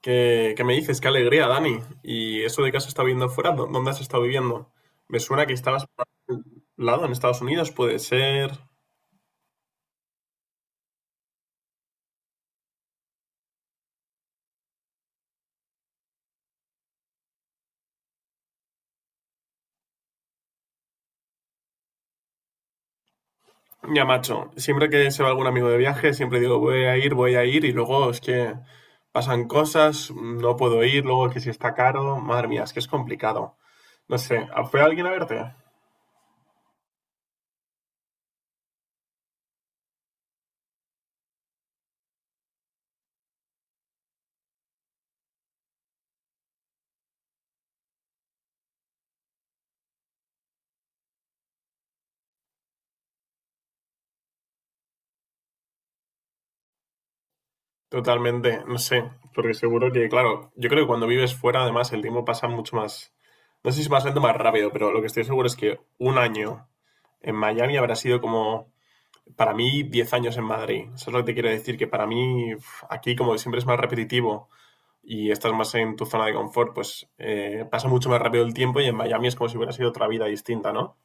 ¿Qué me dices? Qué alegría, Dani. ¿Y eso de que has estado viviendo fuera? ¿Dónde has estado viviendo? Me suena que estabas por algún lado, en Estados Unidos, puede ser. Ya, macho, siempre que se va algún amigo de viaje, siempre digo, voy a ir, y luego es que pasan cosas, no puedo ir, luego que si está caro, madre mía, es que es complicado. No sé, ¿fue alguien a verte? Totalmente, no sé, porque seguro que, claro, yo creo que cuando vives fuera, además, el tiempo pasa mucho más, no sé si más lento o más rápido, pero lo que estoy seguro es que un año en Miami habrá sido como para mí 10 años en Madrid. Eso es lo que te quiero decir, que para mí aquí como siempre es más repetitivo y estás más en tu zona de confort, pues pasa mucho más rápido el tiempo y en Miami es como si hubiera sido otra vida distinta, ¿no?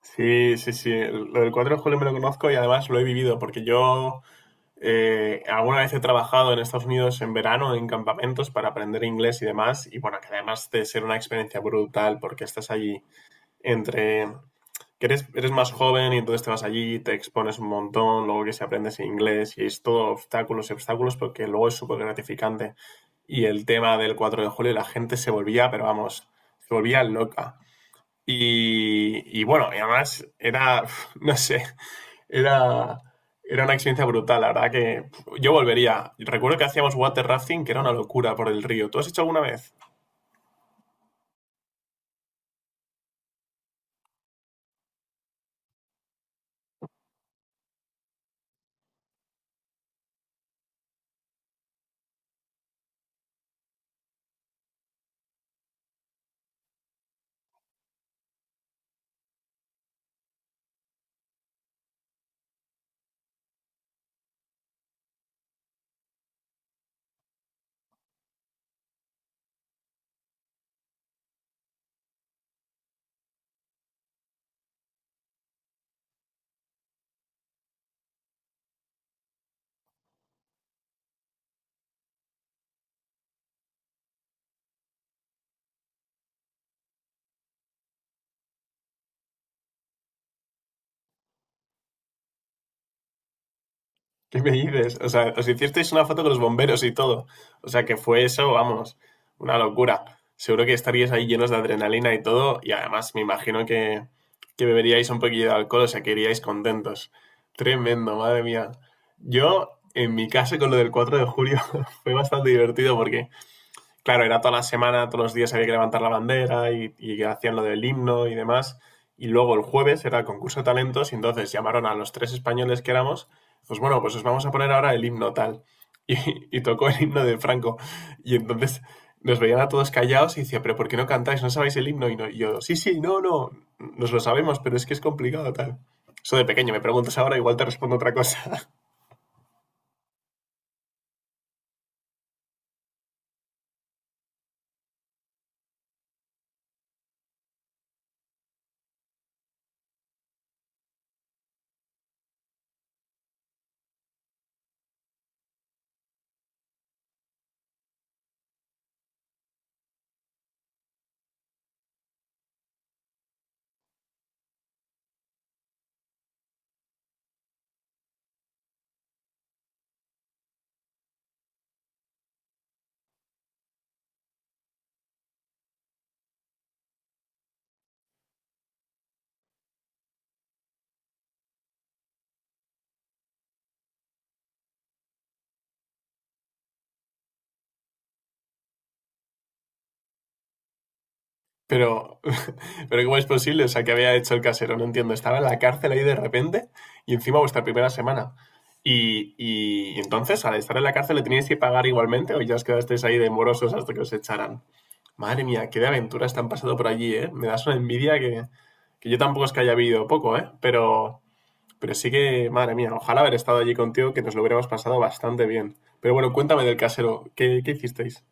Sí, sí, sí. Lo del 4 de julio me lo conozco y además lo he vivido porque yo alguna vez he trabajado en Estados Unidos en verano en campamentos para aprender inglés y demás. Y bueno, que además de ser una experiencia brutal porque estás allí entre que eres más joven y entonces te vas allí, te expones un montón, luego que si aprendes inglés y es todo obstáculos y obstáculos porque luego es súper gratificante. Y el tema del 4 de julio, la gente se volvía, pero vamos, se volvía loca. Y bueno, y además no sé, era, era una experiencia brutal, la verdad que yo volvería. Recuerdo que hacíamos water rafting, que era una locura por el río. ¿Tú has hecho alguna vez? ¿Qué me dices? O sea, os hicisteis una foto con los bomberos y todo. O sea, que fue eso, vamos, una locura. Seguro que estaríais ahí llenos de adrenalina y todo. Y además, me, imagino que beberíais un poquillo de alcohol, o sea, que iríais contentos. Tremendo, madre mía. Yo, en mi caso, con lo del 4 de julio, fue bastante divertido porque claro, era toda la semana, todos los días había que levantar la bandera y hacían lo del himno y demás. Y luego el jueves era el concurso de talentos y entonces llamaron a los tres españoles que éramos, pues bueno, pues os vamos a poner ahora el himno tal. Y, y tocó el himno de Franco. Y entonces nos veían a todos callados y decía, pero ¿por qué no cantáis? ¿No sabéis el himno? Y yo, sí, sí, no, no, nos lo sabemos, pero es que es complicado tal. Eso de pequeño, me preguntas ahora, igual te respondo otra cosa. Pero, pero ¿cómo es posible? O sea, ¿qué había hecho el casero? No entiendo. Estaba en la cárcel ahí de repente y encima vuestra primera semana. Y entonces, al estar en la cárcel, ¿le teníais que pagar igualmente o ya os quedasteis ahí de morosos hasta que os echaran? Madre mía, qué de aventuras te han pasado por allí, ¿eh? Me das una envidia que yo tampoco es que haya vivido poco, ¿eh? Pero sí que, madre mía, ojalá haber estado allí contigo, que nos lo hubiéramos pasado bastante bien. Pero bueno, cuéntame del casero, ¿qué hicisteis?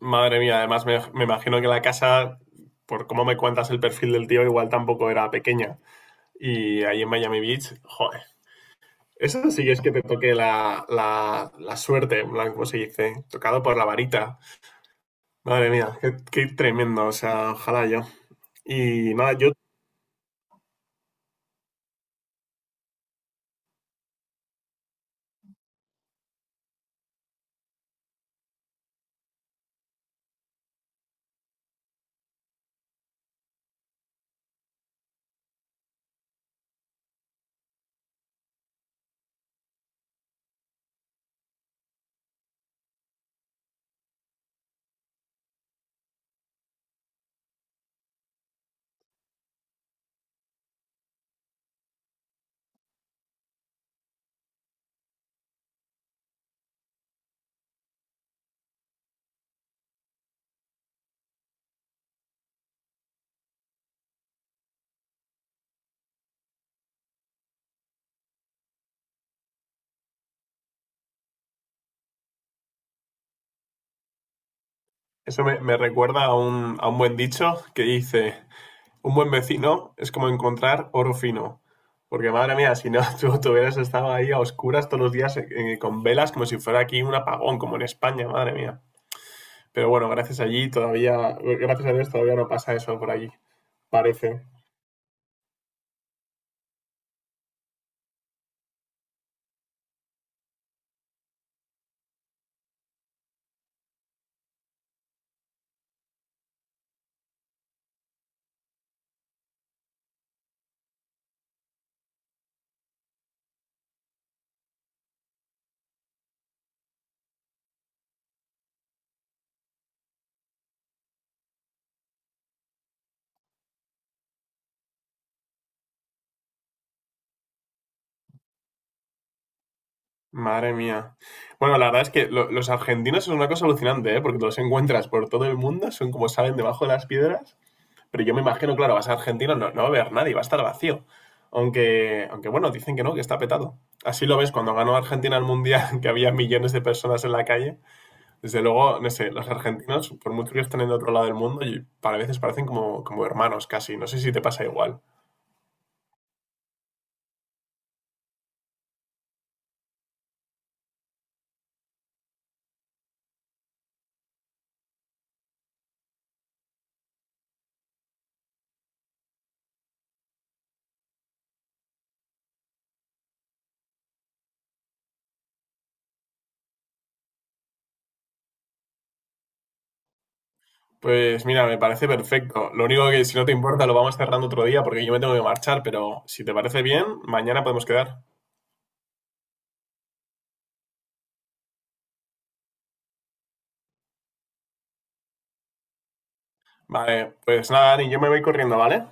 Madre mía, además me imagino que la casa, por cómo me cuentas el perfil del tío, igual tampoco era pequeña. Y ahí en Miami Beach, joder. Eso sí es que te toque la suerte, en plan, ¿cómo se dice? Tocado por la varita. Madre mía, qué tremendo, o sea, ojalá yo. Y nada, eso me recuerda a a un buen dicho que dice, un buen vecino es como encontrar oro fino. Porque madre mía, si no, tú hubieras estado ahí a oscuras todos los días con velas como si fuera aquí un apagón, como en España, madre mía. Pero bueno, gracias allí todavía, gracias a Dios todavía no pasa eso por allí, parece. Madre mía. Bueno, la verdad es que los argentinos es una cosa alucinante, ¿eh? Porque los encuentras por todo el mundo, son como salen debajo de las piedras. Pero yo me imagino, claro, vas a Argentina, no, no va a haber nadie, va a estar vacío. Aunque bueno, dicen que no, que está petado. Así lo ves cuando ganó Argentina el Mundial, que había millones de personas en la calle. Desde luego, no sé, los argentinos, por mucho que estén en otro lado del mundo, y para veces parecen como hermanos casi. No sé si te pasa igual. Pues mira, me parece perfecto. Lo único que si no te importa lo vamos cerrando otro día porque yo me tengo que marchar, pero si te parece bien, mañana podemos quedar. Vale, pues nada, Dani, yo me voy corriendo, ¿vale?